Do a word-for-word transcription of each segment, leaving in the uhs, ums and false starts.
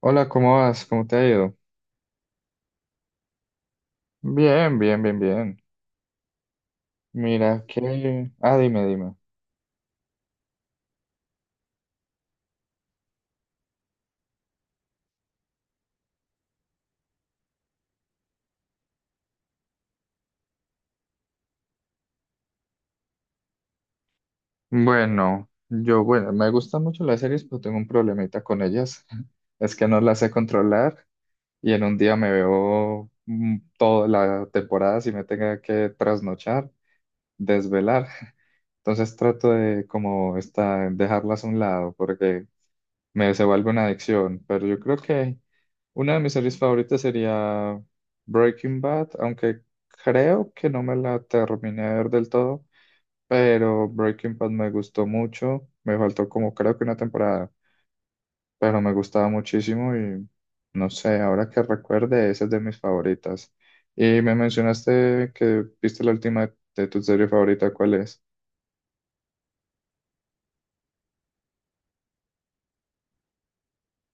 Hola, ¿cómo vas? ¿Cómo te ha ido? Bien, bien, bien, bien. Mira que... Ah, dime, dime. Bueno, yo, bueno, me gustan mucho las series, pero tengo un problemita con ellas. Es que no las sé controlar y en un día me veo mm, toda la temporada si me tenga que trasnochar, desvelar. Entonces trato de como esta, dejarlas a un lado porque me se vuelve una adicción, pero yo creo que una de mis series favoritas sería Breaking Bad, aunque creo que no me la terminé de ver del todo, pero Breaking Bad me gustó mucho. Me faltó como creo que una temporada, pero me gustaba muchísimo y no sé, ahora que recuerde, esa es de mis favoritas. Y me mencionaste que viste la última de tu serie favorita, ¿cuál es?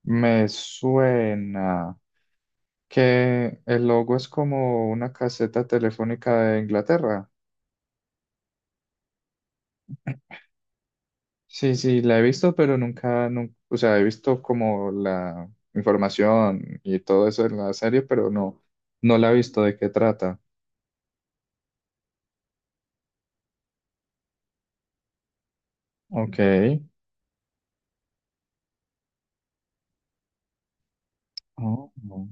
Me suena que el logo es como una caseta telefónica de Inglaterra. Sí, sí, la he visto, pero nunca, nun- o sea, he visto como la información y todo eso en la serie, pero no, no la he visto de qué trata. Ok. Oh, no.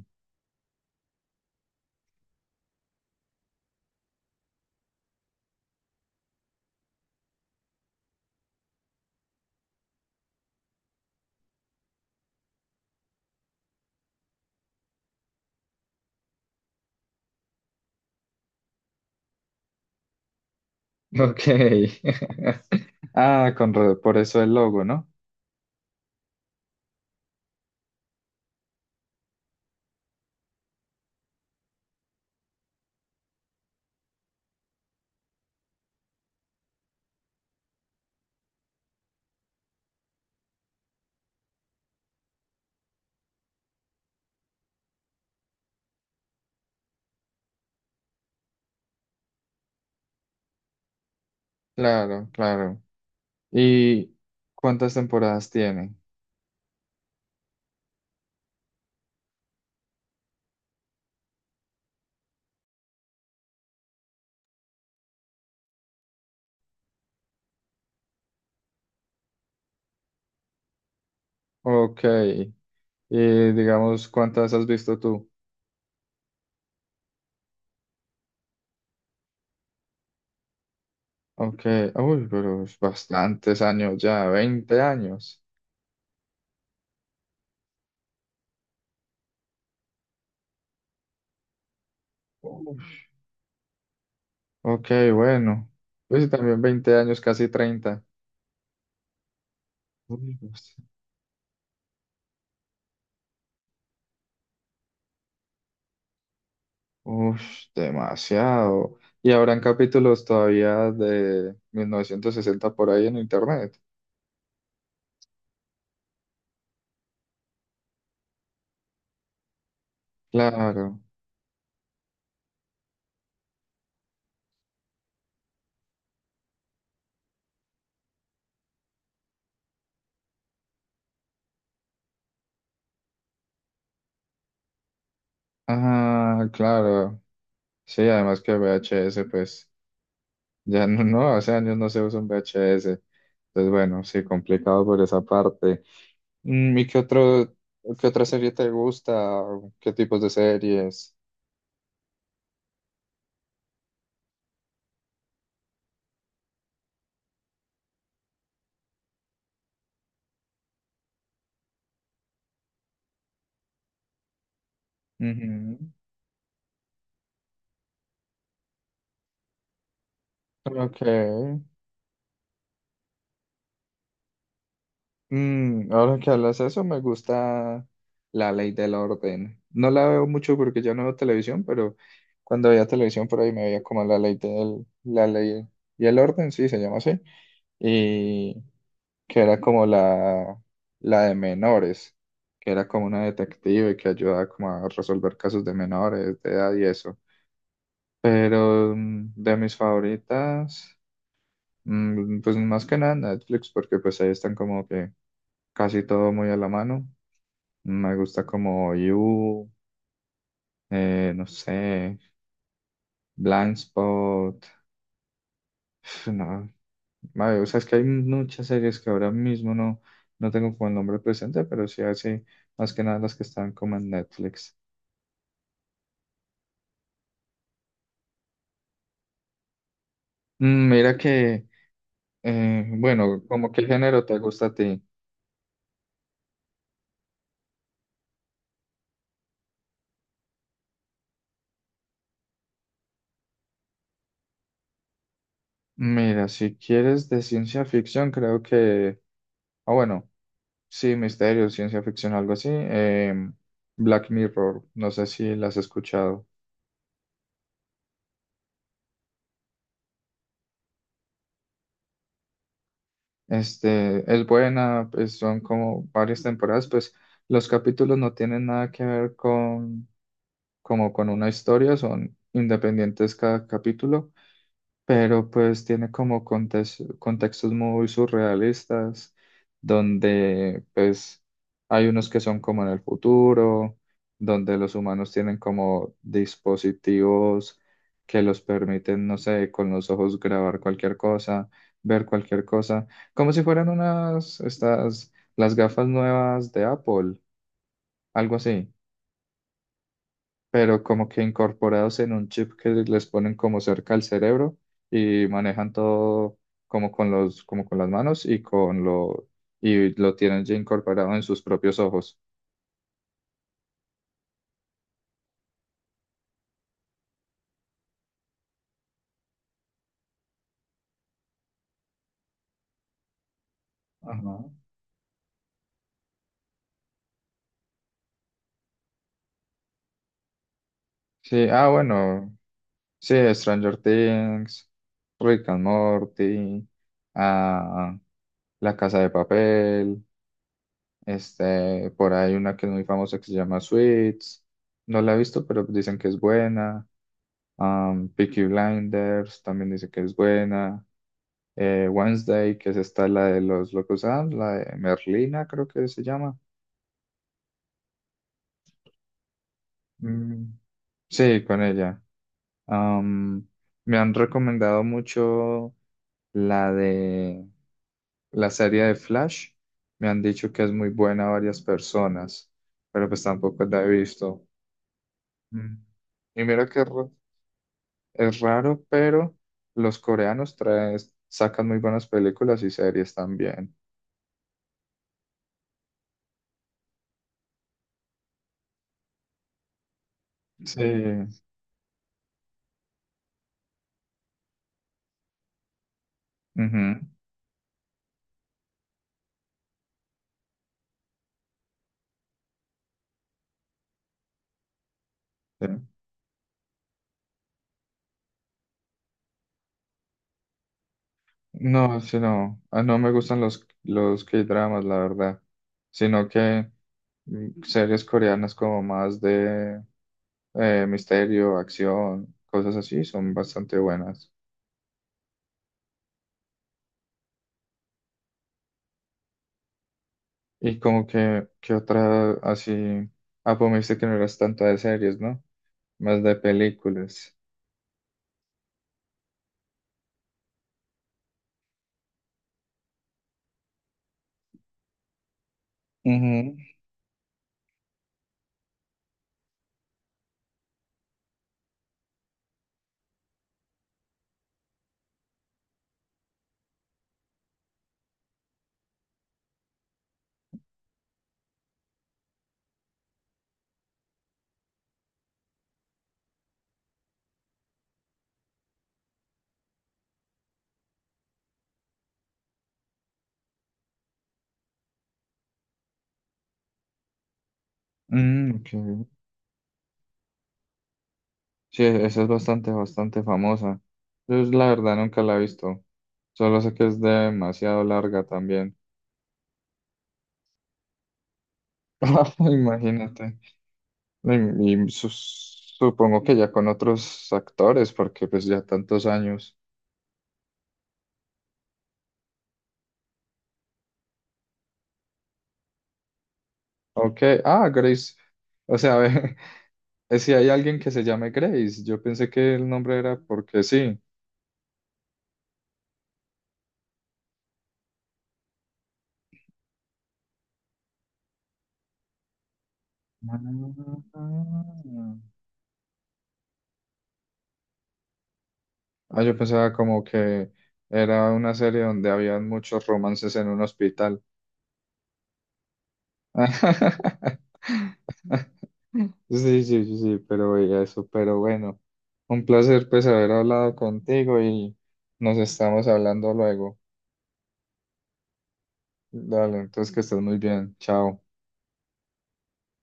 Ok. Ah, con, ra- por eso el logo, ¿no? Claro, claro. ¿Y cuántas temporadas tiene? Ok. Y digamos, ¿cuántas has visto tú? Ok. Uy, pero es bastantes años ya, veinte años. Ok, bueno. Pues también veinte años, casi treinta. Uy, pues, ush, demasiado. Y habrán capítulos todavía de mil novecientos sesenta por ahí en internet. Claro. Ah, claro. Sí, además que V H S, pues ya no, no, hace años no se usa un V H S. Entonces, bueno, sí, complicado por esa parte. Mm, ¿y qué otro, qué otra serie te gusta? ¿Qué tipos de series? Ujú. Ok. Mm, ahora que hablas eso, me gusta La Ley del Orden. No la veo mucho porque ya no veo televisión, pero cuando veía televisión por ahí me veía como La Ley del, La Ley y el Orden, sí, se llama así, y que era como la, la de menores, que era como una detective que ayudaba como a resolver casos de menores, de edad y eso. Pero mm, de mis favoritas, mm, pues más que nada Netflix, porque pues ahí están como que casi todo muy a la mano. Me gusta como You, eh, no sé, Blindspot. Pf, no, madre, o sea, es que hay muchas series que ahora mismo no, no tengo como el nombre presente, pero sí así, más que nada las que están como en Netflix. Mm, mira que, eh, bueno, como qué género te gusta a ti. Mira, si quieres de ciencia ficción, creo que, ah, bueno, sí, misterio, ciencia ficción, algo así. em, Black Mirror, no sé si las has escuchado. Este, es buena, pues, son como varias temporadas, pues los capítulos no tienen nada que ver con, como con una historia, son independientes cada capítulo, pero pues tiene como contes- contextos muy surrealistas, donde pues hay unos que son como en el futuro, donde los humanos tienen como dispositivos que los permiten, no sé, con los ojos grabar cualquier cosa, ver cualquier cosa, como si fueran unas, estas, las gafas nuevas de Apple, algo así pero como que incorporados en un chip que les ponen como cerca al cerebro y manejan todo como con los, como con las manos y con lo, y lo tienen ya incorporado en sus propios ojos. Ajá. Sí, ah, bueno, sí, Stranger Things, Rick and Morty, ah, La Casa de Papel, este, por ahí una que es muy famosa que se llama Suits, no la he visto, pero dicen que es buena. Um, Peaky Blinders también dice que es buena. Eh, Wednesday, que es esta, la de los Locos Adams, la de Merlina, creo que se llama. Mm, sí, con ella. Um, me han recomendado mucho la de la serie de Flash. Me han dicho que es muy buena varias personas, pero pues tampoco la he visto. Mm. Y mira que re- es raro, pero los coreanos traen, sacan muy buenas películas y series también. Sí. Ujú, sí. No, sí, no. Ah, no me gustan los, los K-dramas, la verdad. Sino que mm, series coreanas como más de eh, misterio, acción, cosas así, son bastante buenas. Y como que, que otra así. Ah, pues me dijiste que no eras tanto de series, ¿no? Más de películas. Ujú. Mm, ok. Sí, e, esa es bastante, bastante famosa. Yo es- la verdad nunca la he visto. Solo sé que es demasiado larga también. Imagínate. Y, y su- supongo que ya con otros actores, porque pues ya tantos años. Ok, ah, Grace. O sea, ve, eh, si hay alguien que se llame Grace, yo pensé que el nombre era porque sí. Ah, ah, yo pensaba como que era una serie donde habían muchos romances en un hospital. Sí, sí, sí, sí, pero y eso, pero bueno, un placer pues haber hablado contigo y nos estamos hablando luego. Dale, entonces que estés muy bien, chao.